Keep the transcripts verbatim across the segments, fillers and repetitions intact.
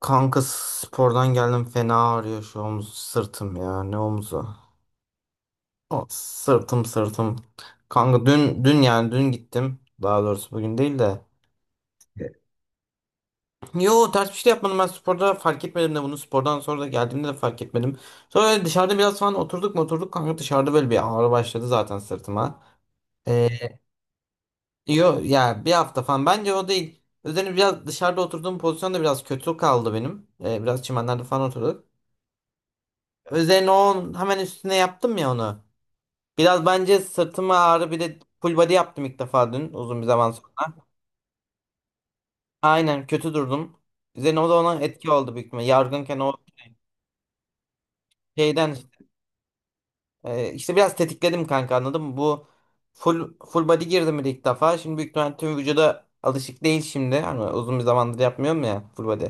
Kanka spordan geldim fena ağrıyor şu omuz sırtım ya ne omuzu. O, sırtım sırtım. Kanka dün dün yani dün gittim. Daha doğrusu bugün değil de. Yo, ters bir şey de yapmadım, ben sporda fark etmedim de bunu spordan sonra da geldiğimde de fark etmedim. Sonra dışarıda biraz falan oturduk mu oturduk kanka, dışarıda böyle bir ağrı başladı zaten sırtıma. Ee, Yo ya bir hafta falan bence o değil. Üzerine biraz dışarıda oturduğum pozisyon da biraz kötü kaldı benim. Ee, biraz çimenlerde falan oturduk. Üzerine o, hemen üstüne yaptım ya onu. Biraz bence sırtıma ağrı, bir de full body yaptım ilk defa dün uzun bir zaman sonra. Aynen, kötü durdum. Üzerine o da ona etki oldu büyük ihtimalle. Yargınken o şeyden işte, e, işte biraz tetikledim kanka, anladın mı? Bu full full body girdim bir de ilk defa. Şimdi büyük ihtimalle tüm vücuda alışık değil şimdi. Hani uzun bir zamandır yapmıyorum ya full body.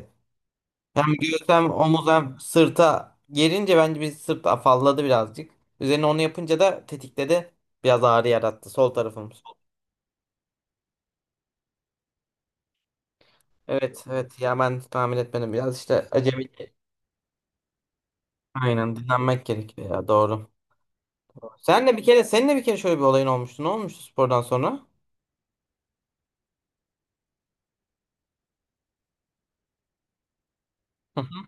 Hem göğüs hem omuz hem sırta gelince bence bir sırt afalladı birazcık. Üzerine onu yapınca da tetikledi. Biraz ağrı yarattı sol tarafım. Evet, evet, ya ben tahmin etmedim, biraz işte acemi. Aynen, dinlenmek gerekiyor ya, doğru. Senle bir kere Seninle bir kere şöyle bir olayın olmuştu. Ne olmuştu spordan sonra? Hı hı.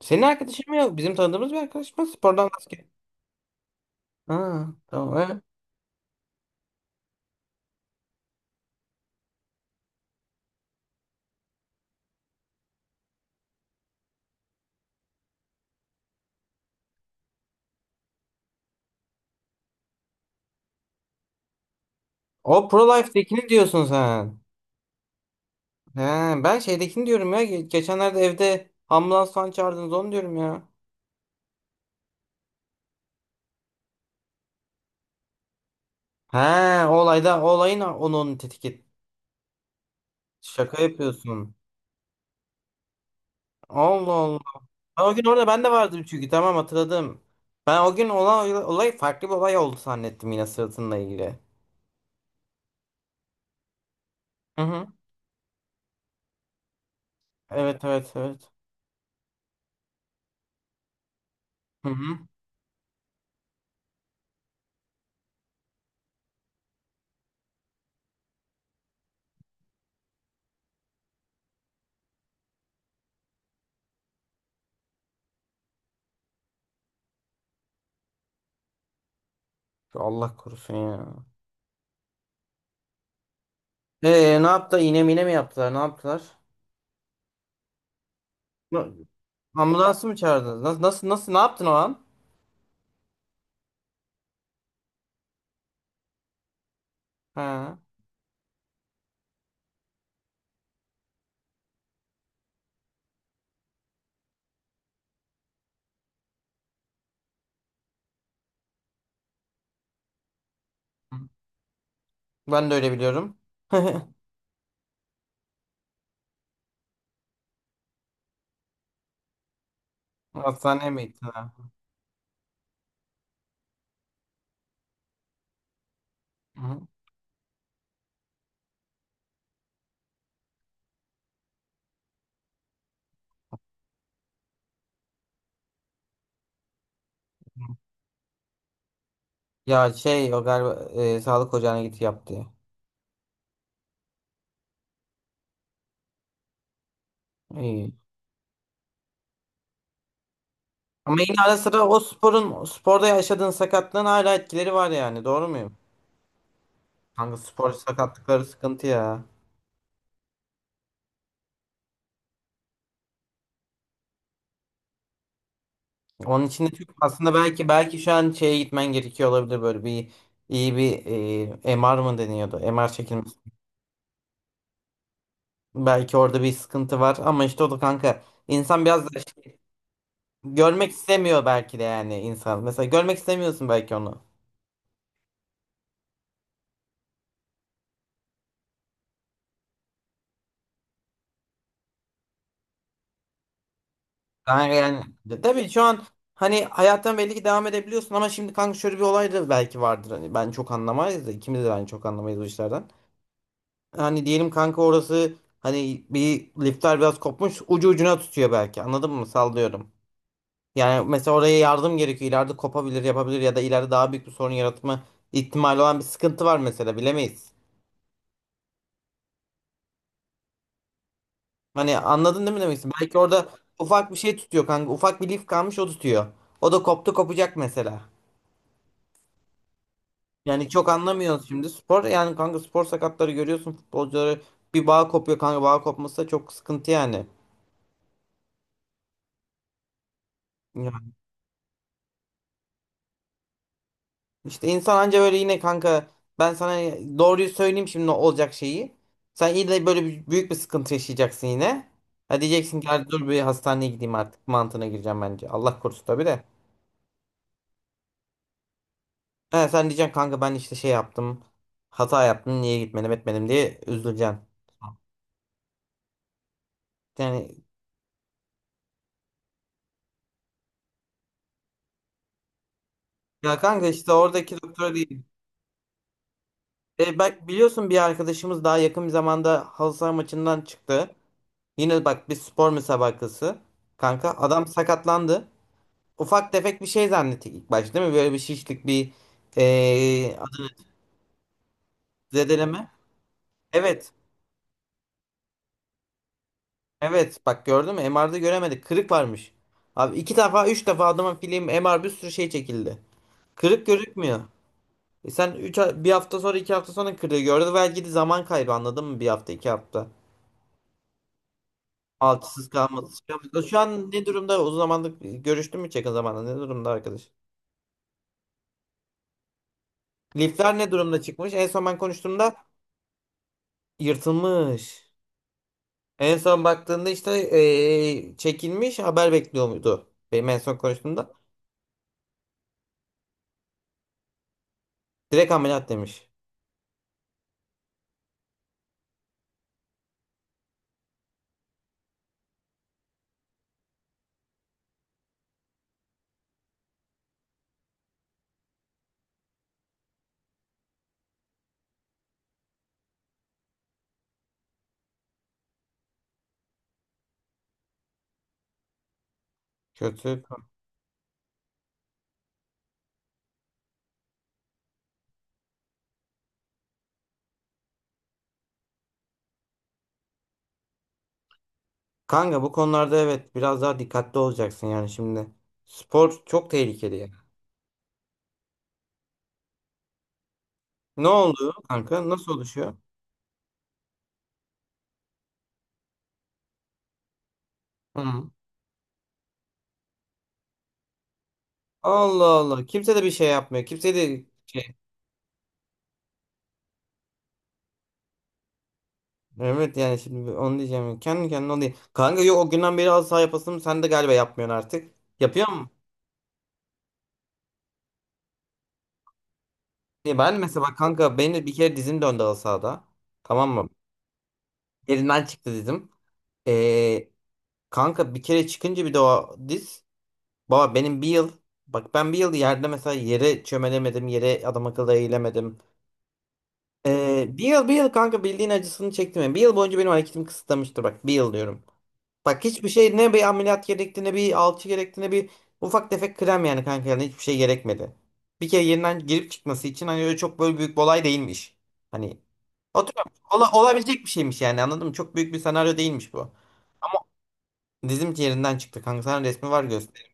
Senin arkadaşın mı, yok bizim tanıdığımız bir arkadaş mı? Spordan, basket. Ha, tamam. Evet. O Pro Life'dekini diyorsun sen. He, ben şeydekini diyorum ya. Ge- Geçenlerde evde ambulans falan çağırdınız, onu diyorum ya. He, o olayda, o olayın, onun tetik et- Şaka yapıyorsun. Allah. Ben o gün orada ben de vardım çünkü, tamam hatırladım. Ben o gün olan olay olay farklı bir olay oldu zannettim, yine sırtınla ilgili. Hı hı. Evet, evet, evet. Hı hı. Allah korusun ya. Ee, ne yaptı? İğne mine mi yaptılar? Ne yaptılar? Na- Ambulansı mı çağırdınız? Nasıl nasıl nasıl ne yaptın o an? Ha. Ben de öyle biliyorum. Hastaneye mi gittin, ha? Hı hı. Ya şey, o galiba e, sağlık ocağına git yaptı. İyi. Ama yine ara sıra o sporun sporda yaşadığın sakatlığın hala etkileri var yani, doğru muyum? Kanka spor sakatlıkları sıkıntı ya. Onun için de çok aslında belki belki şu an şeye gitmen gerekiyor olabilir, böyle bir iyi bir, e, M R mı deniyordu? M R çekilmesi. Belki orada bir sıkıntı var ama işte o da kanka, insan biraz da işte görmek istemiyor belki de yani insan. Mesela görmek istemiyorsun belki onu. Kanka yani de- tabii şu an hani hayattan belli ki devam edebiliyorsun ama şimdi kanka şöyle bir olay da belki vardır, hani ben çok anlamayız da, ikimiz de ben çok anlamayız bu işlerden. Hani diyelim kanka orası, hani bir lifler biraz kopmuş, ucu ucuna tutuyor belki, anladın mı, sallıyorum. Yani mesela oraya yardım gerekiyor, ileride kopabilir yapabilir ya da ileride daha büyük bir sorun yaratma ihtimali olan bir sıkıntı var mesela, bilemeyiz. Hani anladın değil mi demek istiyorum. Belki orada ufak bir şey tutuyor kanka, ufak bir lif kalmış o tutuyor. O da koptu kopacak mesela. Yani çok anlamıyoruz şimdi, spor yani kanka, spor sakatları görüyorsun futbolcuları, bir bağ kopuyor kanka, bağ kopması da çok sıkıntı yani. İşte insan anca böyle yine kanka, ben sana doğruyu söyleyeyim şimdi ne olacak şeyi. Sen yine böyle bir- büyük bir sıkıntı yaşayacaksın yine. Ha diyeceksin ki, hadi dur bir hastaneye gideyim artık mantığına gireceğim bence. Allah korusun tabii de. Ha, sen diyeceksin kanka ben işte şey yaptım. Hata yaptım, niye gitmedim etmedim diye üzüleceksin. Yani ya kanka işte oradaki doktora değil. E, bak biliyorsun, bir arkadaşımız daha yakın bir zamanda halı saha maçından çıktı. Yine bak, bir spor müsabakası. Kanka adam sakatlandı. Ufak tefek bir şey zannettik ilk başta değil mi? Böyle bir şişlik bir eee zedeleme. Evet. Evet. Bak gördün mü? M R'de göremedik. Kırık varmış. Abi iki defa üç defa adamın film M R bir sürü şey çekildi. Kırık gözükmüyor. E sen üç, ay- bir hafta sonra iki hafta sonra kırığı gördü. Belki de zaman kaybı, anladın mı? Bir hafta, iki hafta. Altısız kalması. Şu an ne durumda? Uzun zamandır görüştün mü hiç yakın zamanda? Ne durumda arkadaş? Lifler ne durumda çıkmış? En son ben konuştuğumda yırtılmış. En son baktığında işte, eee, çekilmiş haber bekliyor muydu? Benim en son konuştuğumda. Direkt ameliyat demiş. Kötü. Kanka bu konularda evet biraz daha dikkatli olacaksın yani şimdi. Spor çok tehlikeli yani. Ne oldu kanka? Nasıl oluşuyor? Hı. Allah Allah. Kimse de bir şey yapmıyor. Kimse de şey. Evet yani şimdi onu diyeceğim. Kendi kendine onu diye. Kanka yok, o günden beri halı saha yapasım, sen de galiba yapmıyorsun artık. Yapıyor musun? E, ben mesela bak kanka benim de bir kere dizim döndü halı sahada. Tamam mı? Elinden çıktı dizim. Ee, Kanka bir kere çıkınca bir de o diz. Baba benim bir yıl. Bak ben bir yıl yerde mesela yere çömelemedim. Yere adam akıllı eğilemedim. Ee, bir yıl bir yıl kanka bildiğin acısını çektim. Yani bir yıl boyunca benim hareketim kısıtlamıştır. Bak bir yıl diyorum. Bak hiçbir şey, ne bir ameliyat gerekti ne bir alçı gerekti ne bir ufak tefek krem, yani kanka yani hiçbir şey gerekmedi. Bir kere yerinden girip çıkması için hani öyle çok böyle büyük bir olay değilmiş. Hani oturuyorum. Ola- olabilecek bir şeymiş yani, anladın mı? Çok büyük bir senaryo değilmiş bu. Dizim yerinden çıktı kanka. Sana resmi var göster.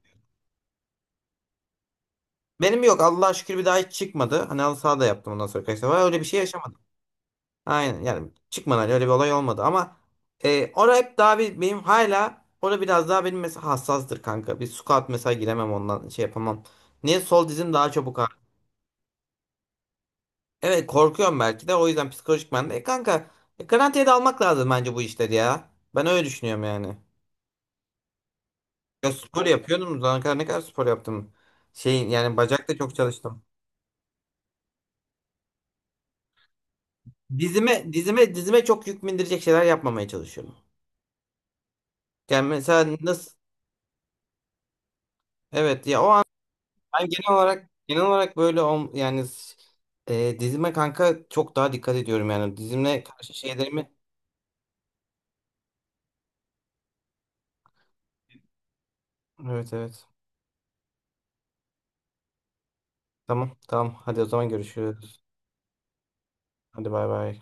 Benim yok, Allah'a şükür bir daha hiç çıkmadı. Hani halı saha yaptım ondan sonra kaç defa. Öyle bir şey yaşamadım. Aynen yani çıkmadı, hani öyle bir olay olmadı ama e, orada hep daha bir, benim hala orada biraz daha benim mesela hassastır kanka. Bir squat mesela giremem ondan şey yapamam. Niye sol dizim daha çabuk ağrır? Evet korkuyorum belki de o yüzden psikolojik ben de. E, kanka e, garantiye de almak lazım bence bu işleri ya. Ben öyle düşünüyorum yani. Ya spor yapıyordum. Zamana kadar ne kadar spor yaptım. Şeyin yani bacak da çok çalıştım. Dizime dizime dizime çok yük bindirecek şeyler yapmamaya çalışıyorum. Yani mesela nasıl evet ya o an ben genel olarak genel olarak böyle ol- yani s- e, dizime kanka çok daha dikkat ediyorum yani dizimle karşı şeylerimi. Evet, evet. Tamam, tamam. Hadi o zaman görüşürüz. Hadi bay bay.